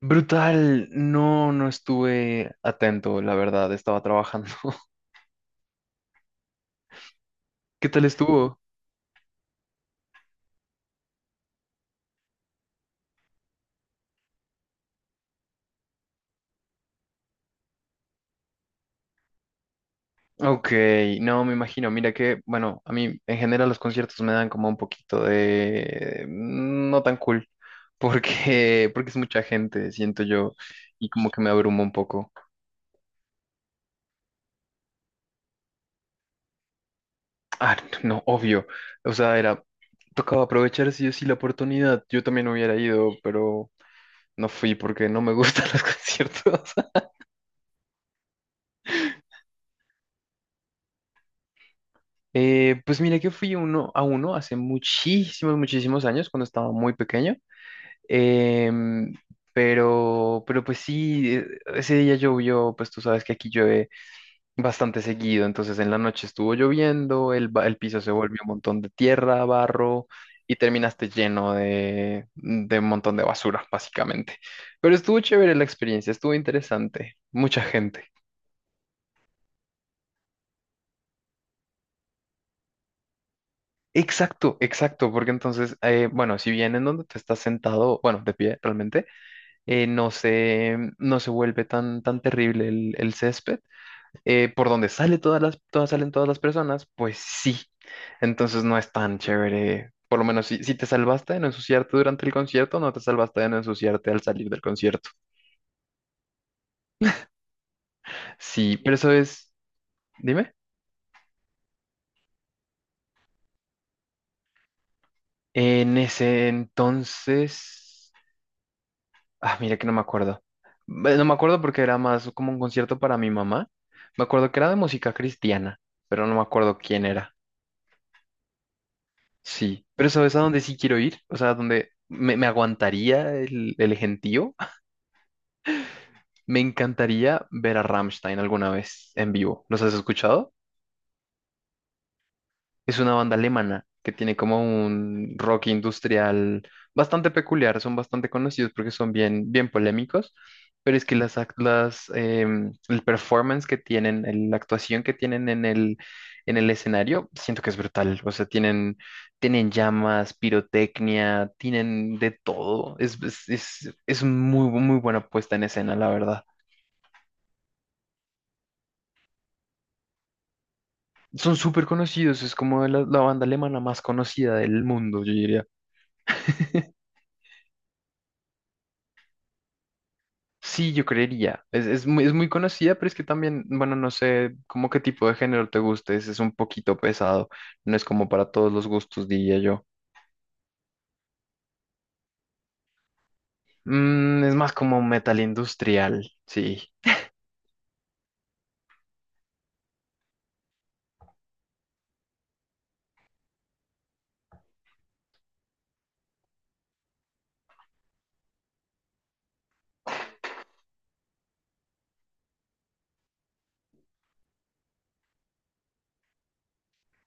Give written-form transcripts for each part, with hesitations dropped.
Brutal, no, no estuve atento, la verdad, estaba trabajando. ¿Qué tal estuvo? Ok, no, me imagino, mira que, bueno, a mí en general los conciertos me dan como un poquito de no tan cool, porque es mucha gente, siento yo, y como que me abrumo un poco. Ah, no, obvio, o sea, era, tocaba aprovechar sí o sí la oportunidad, yo también hubiera ido, pero no fui porque no me gustan los conciertos. Pues mira que fui uno a uno hace muchísimos, muchísimos años, cuando estaba muy pequeño. Em, pero, pues sí, ese día llovió, pues tú sabes que aquí llueve bastante seguido, entonces en la noche estuvo lloviendo, el piso se volvió un montón de tierra, barro, y terminaste lleno de un montón de basura, básicamente. Pero estuvo chévere la experiencia, estuvo interesante, mucha gente. Exacto, exacto, porque entonces, bueno, si bien en donde te estás sentado, bueno, de pie realmente, no se vuelve tan, tan terrible el césped, por donde sale todas las, todas salen todas las personas, pues sí, entonces no es tan chévere, por lo menos si te salvaste de no ensuciarte durante el concierto, no te salvaste de no ensuciarte al salir del concierto. Sí, pero eso es, dime, en ese entonces... Ah, mira que no me acuerdo. No me acuerdo porque era más como un concierto para mi mamá. Me acuerdo que era de música cristiana, pero no me acuerdo quién era. Sí, pero ¿sabes a dónde sí quiero ir? O sea, donde me aguantaría el gentío. Me encantaría ver a Rammstein alguna vez en vivo. ¿Los has escuchado? Es una banda alemana que tiene como un rock industrial bastante peculiar, son bastante conocidos porque son bien, bien polémicos, pero es que las, ac- las em, el performance que tienen, la actuación que tienen en el escenario, siento que es brutal. O sea, tienen llamas, pirotecnia, tienen de todo. Es muy, muy buena puesta en escena, la verdad. Son súper conocidos, es como la banda alemana más conocida del mundo, yo diría. Sí, yo creería. Es muy conocida, pero es que también, bueno, no sé como qué tipo de género te guste. Es un poquito pesado. No es como para todos los gustos, diría yo. Es más como metal industrial. Sí.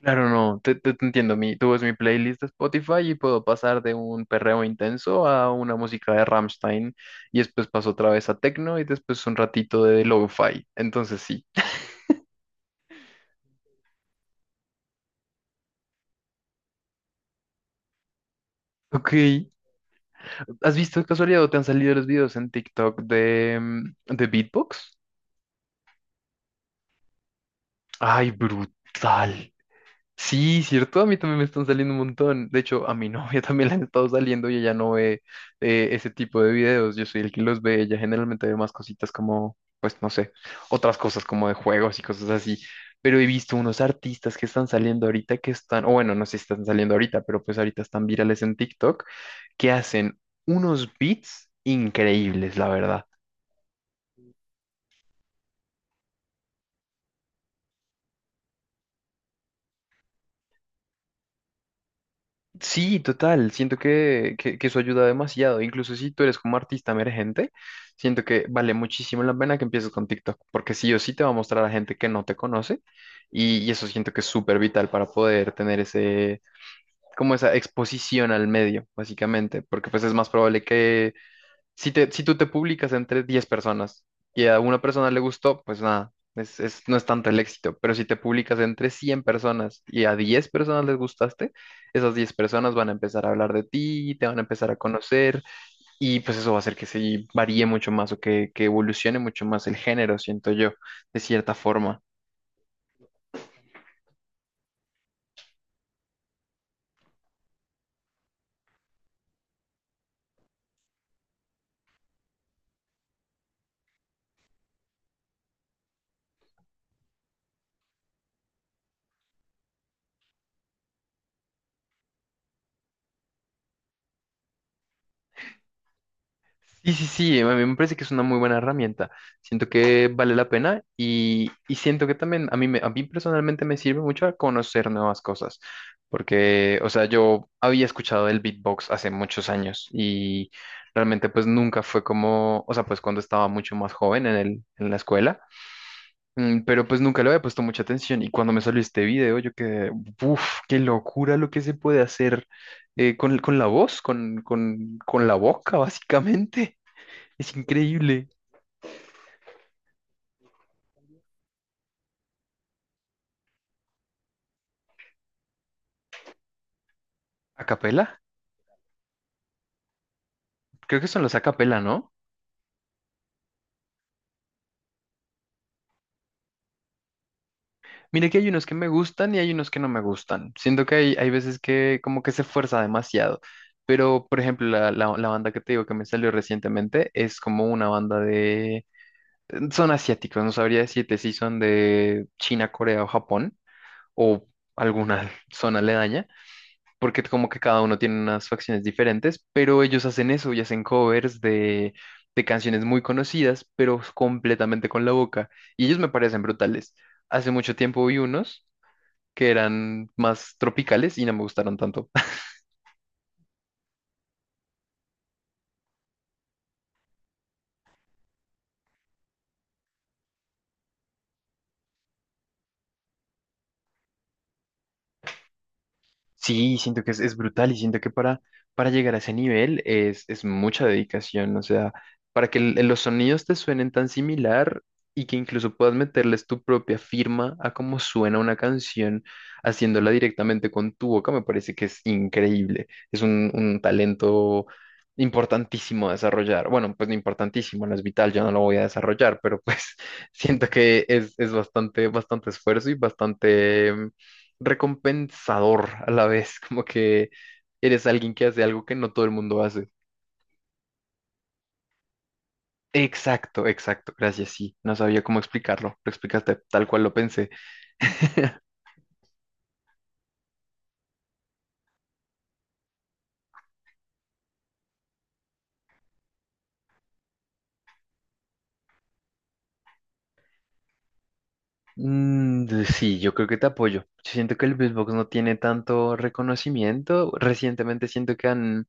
Claro, no. Te entiendo. Tú ves mi playlist de Spotify y puedo pasar de un perreo intenso a una música de Rammstein. Y después paso otra vez a techno y después un ratito de lo-fi. Entonces sí. Ok. ¿Has visto de casualidad o te han salido los videos en TikTok de beatbox? Ay, brutal. Sí, cierto, a mí también me están saliendo un montón. De hecho, a mi novia también le han estado saliendo y ella no ve ese tipo de videos. Yo soy el que los ve. Ella generalmente ve más cositas como, pues no sé, otras cosas como de juegos y cosas así. Pero he visto unos artistas que están saliendo ahorita que están, o bueno, no sé si están saliendo ahorita, pero pues ahorita están virales en TikTok, que hacen unos beats increíbles, la verdad. Sí, total. Siento que eso ayuda demasiado. Incluso si tú eres como artista emergente, siento que vale muchísimo la pena que empieces con TikTok, porque sí o sí te va a mostrar a gente que no te conoce y eso siento que es súper vital para poder tener ese, como esa exposición al medio, básicamente, porque pues es más probable que si tú te publicas entre 10 personas y a una persona le gustó, pues nada, no es tanto el éxito. Pero si te publicas entre 100 personas y a 10 personas les gustaste, esas 10 personas van a empezar a hablar de ti, te van a empezar a conocer y pues eso va a hacer que se varíe mucho más o que evolucione mucho más el género, siento yo, de cierta forma. Sí, sí, sí, a mí me parece que es una muy buena herramienta. Siento que vale la pena y siento que también a mí personalmente me sirve mucho a conocer nuevas cosas. Porque, o sea, yo había escuchado el beatbox hace muchos años y realmente pues nunca fue como, o sea, pues cuando estaba mucho más joven en la escuela, pero pues nunca le había puesto mucha atención y cuando me salió este video yo quedé, uff, qué locura lo que se puede hacer con la voz, con la boca básicamente. Es increíble. ¿Acapela? Creo que son los acapela, ¿no? Mire que hay unos que me gustan y hay unos que no me gustan. Siento que hay veces que como que se fuerza demasiado. Pero, por ejemplo, la banda que te digo que me salió recientemente es como una banda de... Son asiáticos, no sabría decirte si son de China, Corea o Japón o alguna zona aledaña. Porque como que cada uno tiene unas facciones diferentes, pero ellos hacen eso y hacen covers de canciones muy conocidas, pero completamente con la boca. Y ellos me parecen brutales. Hace mucho tiempo vi unos que eran más tropicales y no me gustaron tanto. Sí, siento que es brutal y siento que para llegar a ese nivel es mucha dedicación, o sea, para que los sonidos te suenen tan similar y que incluso puedas meterles tu propia firma a cómo suena una canción haciéndola directamente con tu boca, me parece que es increíble, es un talento importantísimo a desarrollar, bueno, pues no importantísimo, no es vital, yo no lo voy a desarrollar, pero pues siento que es bastante, bastante esfuerzo y bastante recompensador a la vez, como que eres alguien que hace algo que no todo el mundo hace. Exacto, exacto, gracias, sí, no sabía cómo explicarlo, lo explicaste tal cual lo pensé. Sí, yo creo que te apoyo. Yo siento que el beatbox no tiene tanto reconocimiento, recientemente siento que han,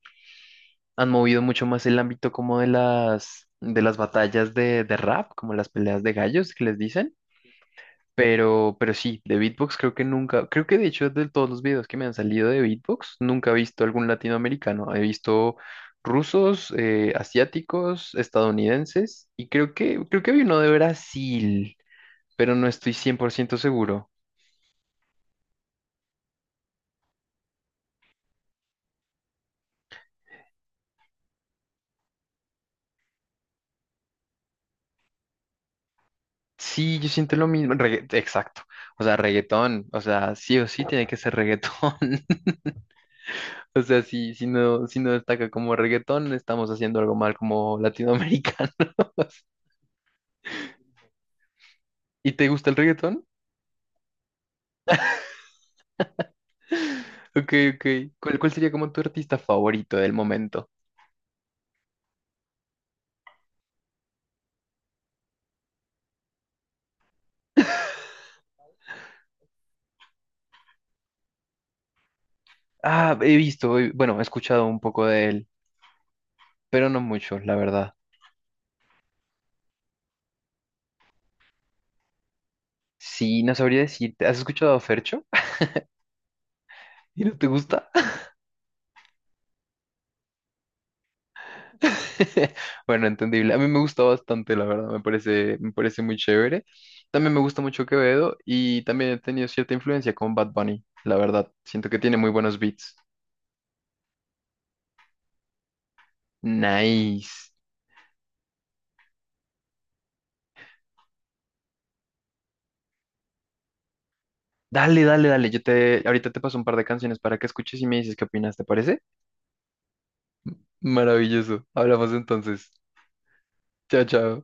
han movido mucho más el ámbito como de las batallas de rap, como las peleas de gallos que les dicen. Pero, sí, de beatbox creo que nunca, creo que de hecho de todos los videos que me han salido de beatbox, nunca he visto algún latinoamericano. He visto rusos, asiáticos, estadounidenses y creo que había uno de Brasil, pero no estoy 100% seguro. Sí, yo siento lo mismo, exacto. O sea, reggaetón, o sea, sí o sí tiene que ser reggaetón. O sea, si no destaca como reggaetón, estamos haciendo algo mal como latinoamericano. ¿Y te gusta el reggaetón? Ok, ok. ¿Cuál sería como tu artista favorito del momento? Ah, he visto, bueno, he escuchado un poco de él, pero no mucho, la verdad. Sí, no sabría decirte. ¿Has escuchado a Fercho? ¿Y no te gusta? Bueno, entendible. A mí me gusta bastante, la verdad. Me parece muy chévere. También me gusta mucho Quevedo y también he tenido cierta influencia con Bad Bunny, la verdad. Siento que tiene muy buenos beats. Nice. Dale, dale, dale. Ahorita te paso un par de canciones para que escuches y me dices qué opinas, ¿te parece? Maravilloso. Hablamos entonces. Chao, chao.